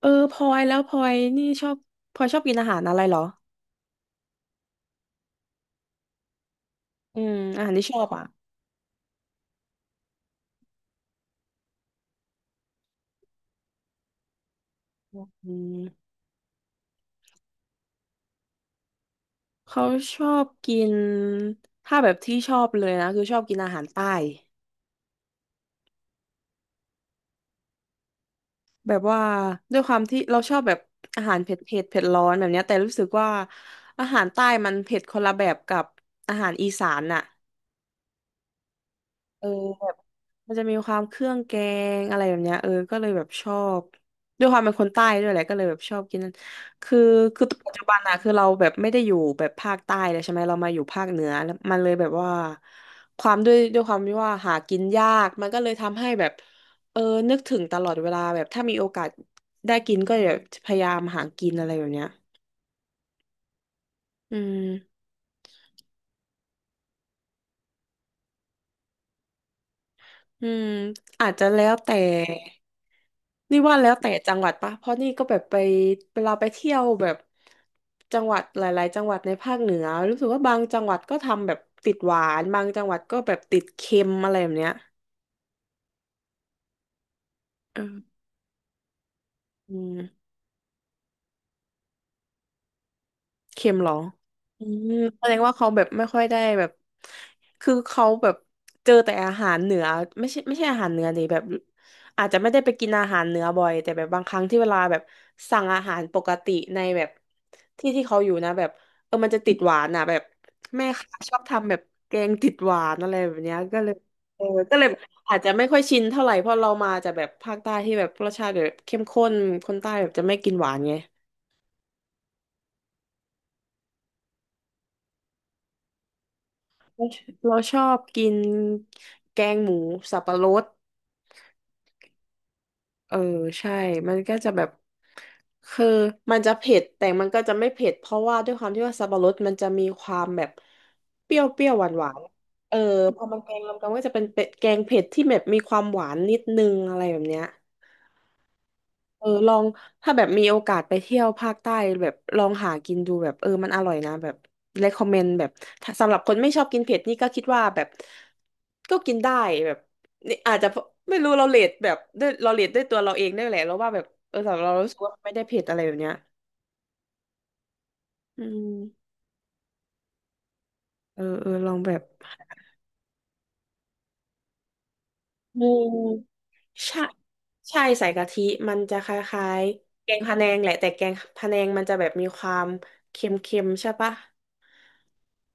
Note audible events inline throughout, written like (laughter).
เออพลอยแล้วพลอยนี่ชอบพลอยชอบกินอาหารอะไรเหรออาหารที่ชอบอ่ะอืมเขาชอบกินถ้าแบบที่ชอบเลยนะคือชอบกินอาหารใต้แบบว่าด้วยความที่เราชอบแบบอาหารเผ็ดร้อนแบบเนี้ยแต่รู้สึกว่าอาหารใต้มันเผ็ดคนละแบบกับอาหารอีสานน่ะเออ มันจะมีความเครื่องแกงอะไรแบบเนี้ยเออก็เลยแบบชอบด้วยความเป็นคนใต้ด้วยแหละก็เลยแบบชอบกินนั่นคือคือปัจจุบันอะคือเราแบบไม่ได้อยู่แบบภาคใต้เลยใช่ไหมเรามาอยู่ภาคเหนือแล้วมันเลยแบบว่าความด้วยความที่ว่าหากินยากมันก็เลยทำให้แบบเออนึกถึงตลอดเวลาแบบถ้ามีโอกาสได้กินก็จะพยายามหากินอะไรแบบเนี้ยอืม อืมอาจจะแล้วแต่นี่ว่าแล้วแต่จังหวัดปะเพราะนี่ก็แบบไปเวลาไปเที่ยวแบบจังหวัดหลายๆ จังหวัดในภาคเหนือรู้สึกว่าบางจังหวัดก็ทำแบบติดหวานบางจังหวัดก็แบบติดเค็มอะไรแบบเนี้ยเอออืม เค็มเหรออืมแสดงว่าเขาแบบไม่ค่อยได้แบบคือเขาแบบเจอแต่อาหารเหนือไม่ใช่อาหารเหนือดิแบบอาจจะไม่ได้ไปกินอาหารเหนือบ่อยแต่แบบบางครั้งที่เวลาแบบสั่งอาหารปกติในแบบที่เขาอยู่นะแบบเออมันจะติดหวานอ่ะแบบแม่ค้าชอบทำแบบแกงติดหวานอะไรแบบเนี้ยก็เลยเออก็เลยอาจจะไม่ค่อยชินเท่าไหร่เพราะเรามาจากแบบภาคใต้ที่แบบรสชาติแบบเข้มข้นคนใต้แบบจะไม่กินหวานไง เราเราชอบกินแกงหมูสับปะรดเออใช่ มันก็จะแบบคือมันจะเผ็ดแต่มันก็จะไม่เผ็ดเพราะว่าด้วยความที่ว่าสับปะรดมันจะมีความแบบเปรี้ยวเปรี้ยวหวานหวานเออพอมันแกงรวมกันก็จะเป็นเป็ดแกงเผ็ดที่แบบมีความหวานนิดนึงอะไรแบบเนี้ย เออลองถ้าแบบมีโอกาสไปเที่ยวภาคใต้แบบลองหากินดูแบบเออมันอร่อยนะแบบ recommend แบบถ้าสำหรับคนไม่ชอบกินเผ็ดนี่ก็คิดว่าแบบก็กินได้แบบนี่อาจจะไม่รู้เราเรทแบบด้วยเราเรทด้วยตัวเราเองได้แหละเราว่าแบบเออสำหรับเรารู้สึกว่าไม่ได้เผ็ดอะไรแบบเนี้ยอืมเอออลองแบบอืมใช่ใช่ใส่กะทิมันจะคล้ายๆแกงพะแนงแหละแต่แกงพะแนงมันจะแบบมีความเค็มๆใช่ปะ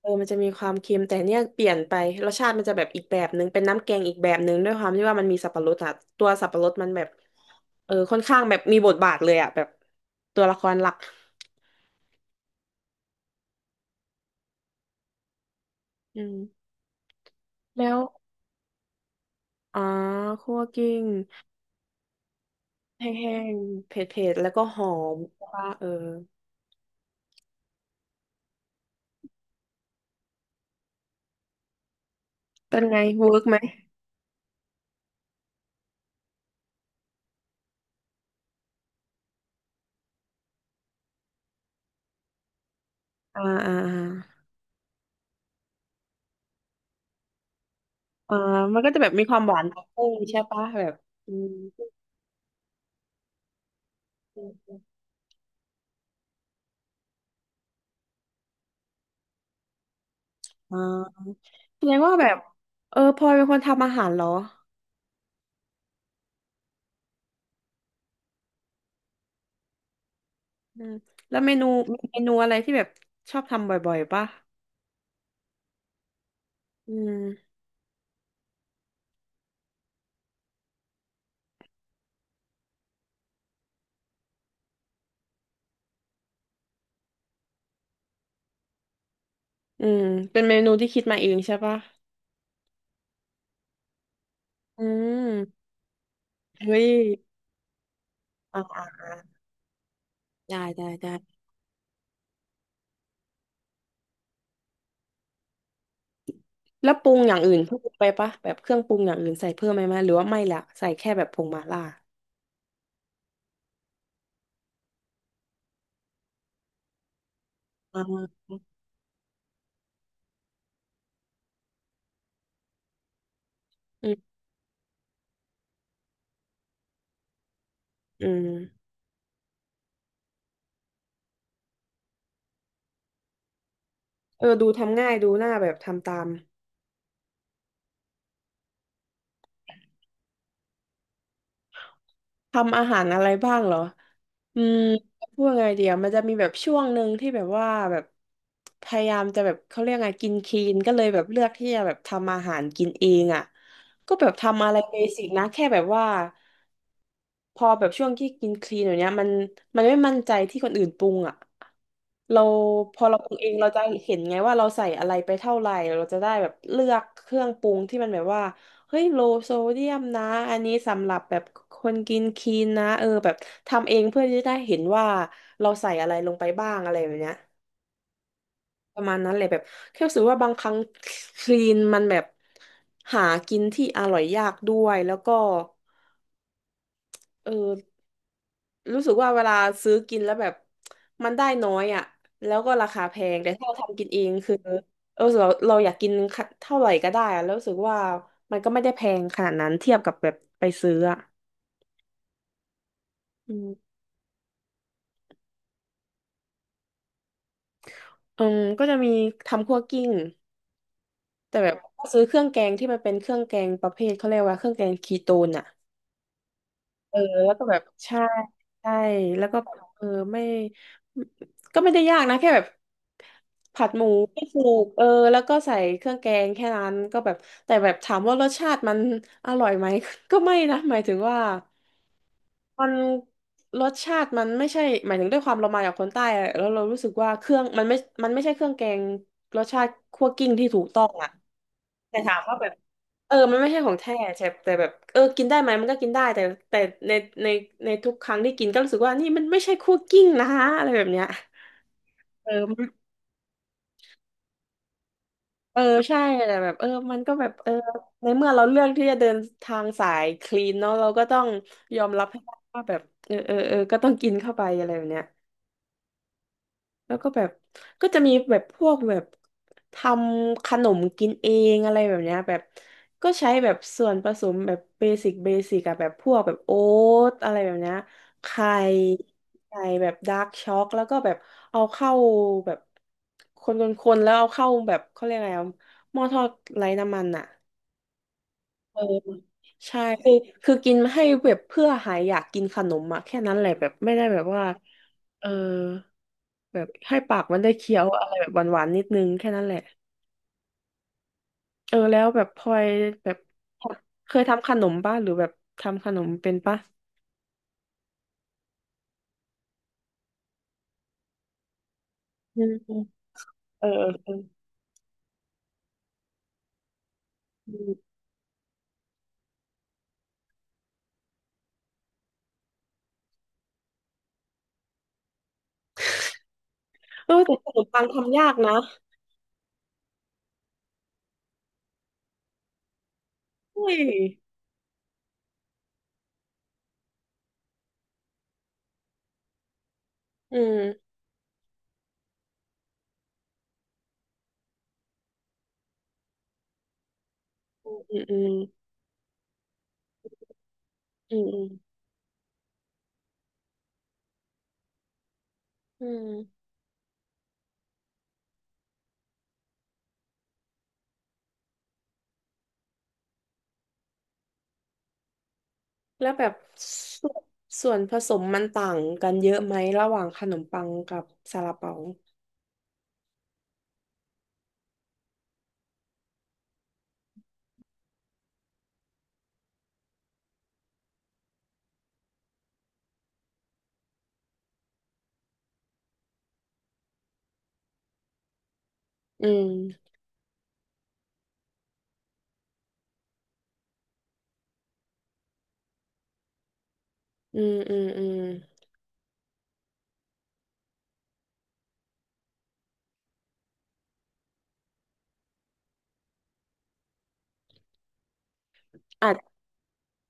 เออมันจะมีความเค็มแต่เนี่ยเปลี่ยนไปรสชาติมันจะแบบอีกแบบนึงเป็นน้ำแกงอีกแบบนึงด้วยความที่ว่ามันมีสับปะรดอะตัวสับปะรดมันแบบเออค่อนข้างแบบมีบทบาทเลยอะแบบตัวละครหลักอืมแล้วอ๋อคั่วกิ้งแห้งๆเผ็ดๆแล้วก็หอมว่าเออเป็นไงเวิร์กไหมอ่าอ่ามันก็จะแบบมีความหวานของกุ้งใช่ปะแบบอืมอ่าแสดงว่าแบบเออพลอยเป็นคนทำอาหารเหรอ อืมแล้วเมนูมีเมนูอะไรที่แบบชอบทำบ่อยๆป่ะอืมอืมเป็นเมนูที่คิดมาเองใช่ป่ะอืมเฮ้ยอ่าได้ แล้วปรุงอย่างอื่นเพิ่มไปป่ะแบบเครื่องปรุงอย่างอื่นใส่เพิ่มไหมหรือว่าไม่ละใส่แค่แบบผงมาล่าอ่าอืมอืมเออ ดูทำง่ายดูหน้าแบบทำตาม ทำอาหารอะไรบ้างเหรอ อืมพูดไงเดียวมันจะมีแบบช่วงหนึ่งที่แบบว่าแบบพยายามจะแบบเขาเรียกไงกินคลีนก็เลยแบบเลือกที่จะแบบทำอาหารกินเองอ่ะก็แบบทำอะไรเบสิกนะแค่แบบว่า พอแบบช่วงที่กินคลีนอย่างเนี้ยมันไม่มั่นใจที่คนอื่นปรุงอ่ะเราพอเราปรุงเองเราจะเห็นไงว่าเราใส่อะไรไปเท่าไหร่เราจะได้แบบเลือกเครื่องปรุงที่มันแบบว่าเฮ้ยโลโซเดียมนะอันนี้สำหรับแบบคนกินคลีนนะเออแบบทำเองเพื่อที่จะได้เห็นว่าเราใส่อะไรลงไปบ้างอะไรแบบเนี้ยประมาณนั้นเลยแบบแค่รู้สึกว่าบางครั้งคลีนมันแบบหากินที่อร่อยยากด้วยแล้วก็เออ รู้สึกว่าเวลาซื้อกินแล้วแบบมันได้น้อยอ่ะแล้วก็ราคาแพงแต่ถ้าเราทำกินเองคือเราอยากกินเท่าไหร่ก็ได้อะแล้วรู้สึกว่ามันก็ไม่ได้แพงขนาดนั้นเทียบกับแบบไปซื้ออ่ะอืมก็จะมีทำคั่วกลิ้งแต่แบบก็ซื้อเครื่องแกงที่มันเป็นเครื่องแกงประเภทเขาเรียกว่าเครื่องแกงคีโตนอ่ะ เออแล้วก็แบบใช่ใช่แล้วก็แบบไม่ก็ไม่ได้ยากนะแค่แบบผัดหมูไม่ถูกแล้วก็ใส่เครื่องแกงแค่นั้นก็แบบแต่แบบถามว่ารสชาติมันอร่อยไหม (laughs) ก็ไม่นะหมายถึงว่ามันรสชาติมันไม่ใช่หมายถึงด้วยความเรามาจากคนใต้อะแล้วเรารู้สึกว่าเครื่องมันไม่มันไม่ใช่เครื่องแกงรสชาติคั่วกลิ้งที่ถูกต้องอะแต่ถามว่าแบบ มันไม่ใช่ของแท้ใช่แต่แบบกินได้ไหมมันก็กินได้แต่แต่ในในในทุกครั้งที่กินก็รู้สึกว่านี่มันไม่ใช่คั่วกลิ้งนะอะไรแบบเนี้ยมันเออใช่แต่แบบมันก็แบบในเมื่อเราเลือกที่จะเดินทางสายคลีนเนาะเราก็ต้องยอมรับให้ได้ว่าแบบก็ต้องกินเข้าไปอะไรแบบเนี้ย แล้วก็แบบก็จะมีแบบพวกแบบทำขนมกินเองอะไรแบบเนี้ยแบบก็ใช้แบบส่วนผสมแบบเบสิกอะแบบพวกแบบโอ๊ตอะไรแบบเนี้ยไข่ไข่แบบดาร์กช็อกแล้วก็แบบเอาเข้าแบบคนๆๆแล้วเอาเข้าแบบเขาเรียกอะไรอะหม้อทอดไร้น้ำมันอะเออใช่คือคือกินให้แบบเพื่อหายอยากกินขนมอะแค่นั้นแหละแบบไม่ได้แบบว่าเออ แบบให้ปากมันได้เคี้ยวอะไรแบบหวานๆนิดนึงแค่นั้นแหละแล้วแบบพลอยแบบเคยทำขนมป่ะหรือแบบทำขนมเป็นป่ะอืมเออเออเออแต่ขนมปังทำยากนะเฮ้ยอืมอืมอืมอืมอืมอืมแล้วแบบส่วนส่วนผสมมันต่างกันเยอะไหมระหว่างขนมปังกับซาลาเปาอืมอืมอืมอืม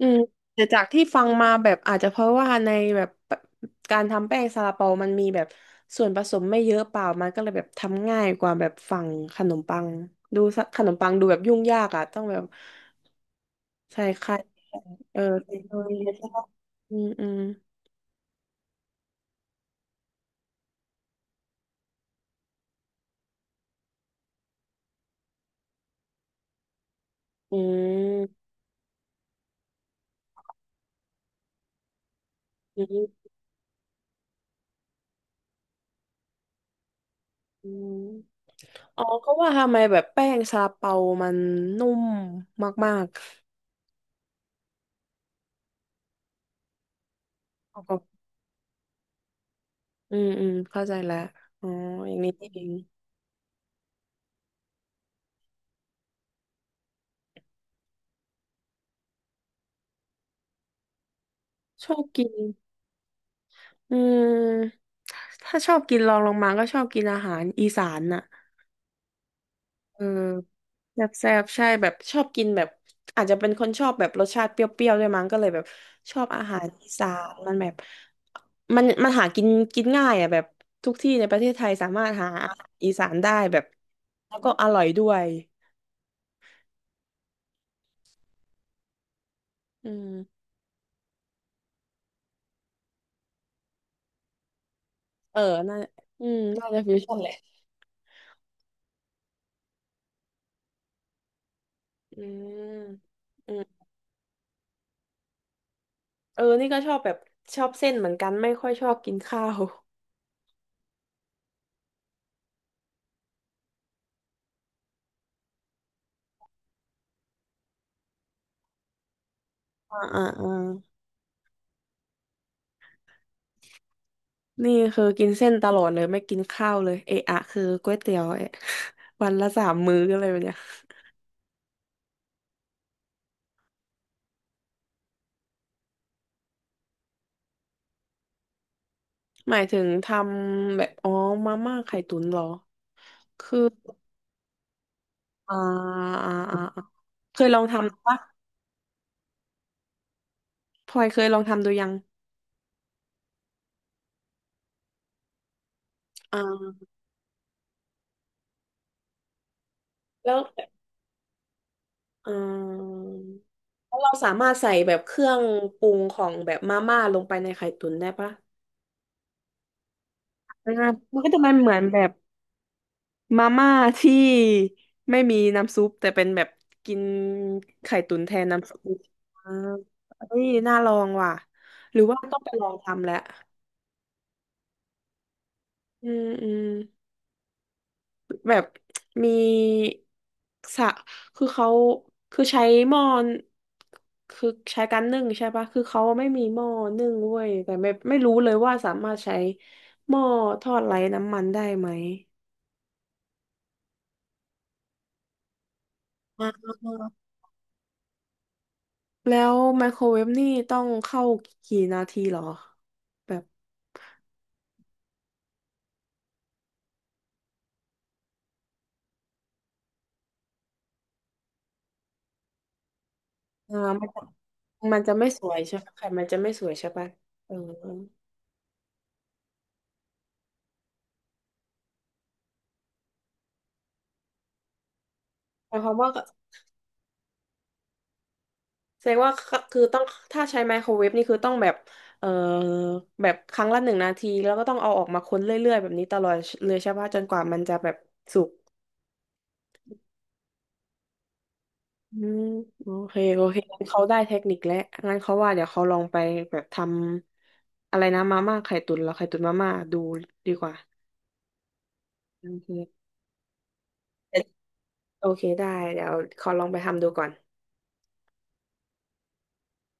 อืมแต่จากที่ฟังมาแบบอาจจะเพราะว่าในแบบการทำแป้งซาลาเปามันมีแบบส่วนผสมไม่เยอะเปล่ามันก็เลยแบบทำง่ายกว่าแบบฝั่งขนมปังดูซะขนมปังดูแบบยุ่งยากอ่ะต้องแบบใส่ไข่เทคโนโลยีใช่ปะอืมอืมอืมอืมอืมอ๋อก็ว่าทำไมแบบแป้งซาลาเปามันนุ่มมากๆอ๋อเข้าใจแล้วอ๋ออย่างนี้นี่เองชอบกิน อืมถ้าชอบกินรองลงมาก็ชอบกินอาหารอีสานน่ะเออแซ่บๆใช่แบบชอบกินแบบอาจจะเป็นคนชอบแบบรสชาติเปรี้ยวๆด้วยมั้งก็เลยแบบชอบอาหารอีสานมันแบบมันหากินกินง่ายอ่ะแบบทุกที่ในประเทศไทยสามารถหาอาหารอีสานได้แบบแล้วก็อร่อยด้วยอืมเออน่าน่าจะฟิวชั่นแหละอืมอืมนี่ก็ชอบแบบชอบเส้นเหมือนกัน ไม่ค่อยชอบกินข้าว (laughs) อ่าอ่าอ่า นี่คือกินเส้นตลอดเลยไม่กินข้าวเลยเอะอะคือก๋วยเตี๋ยวเอะ (laughs) วันละ3 มื้ออะไรแบบเนี้ยหมายถึงทำแบบอ๋อมาม่าไข่ตุ๋นเหรอคืออ่าอ่าอ่าอ่าเคยลองทำปะพลอยเคยลองทำดูยังอ่าแล้วอ่าแล้วเราสามารถใส่แบบเครื่องปรุงของแบบมาม่าลงไปในไข่ตุ๋นได้ปะอ่ามันก็จะไม่เหมือนแบบ มาม่าที่ไม่มีน้ำซุปแต่เป็นแบบกินไข่ตุ๋นแทนน้ำซุปอ่าเฮ้ยน่าลองว่ะหรือว่าต้องไปลองทำแหละอืมอืมแบบมีสะคือเขาคือใช้หม้อคือใช้การนึ่งใช่ปะคือเขาไม่มีหม้อนึ่งเว้ยแต่ไม่ไม่รู้เลยว่าสามารถใช้หม้อทอดไร้น้ำมันได้ไหมอ่า แล้วไมโครเวฟนี่ต้องเข้ากี่นาทีเหรอแบบมันจะมันจะไม่สวยใช่ไหมไข่มันจะไม่สวยใช่ปะเออหมายความว่าก็แสดงว่าก็คือต้องถ้าใช้ไมโครเวฟนี่คือต้องแบบเอ่อแบบครั้งละ1 นาทีแล้วก็ต้องเอาออกมาคนเรื่อยๆแบบนี้ตลอดเลยใช่ปะจนกว่ามันจะแบบสุกอืมโอเคโอเคงั้นเขาได้เทคนิคแล้วงั้นเขาว่าเดี๋ยวเขาลองไปแบบทำอะไรนะมาม่าไข่ตุ๋นเหรอไข่ตุ๋นมาม่าดูดีกว่าโอเค โอเคได้เดี๋ยวขอลองไปทำดูก่อน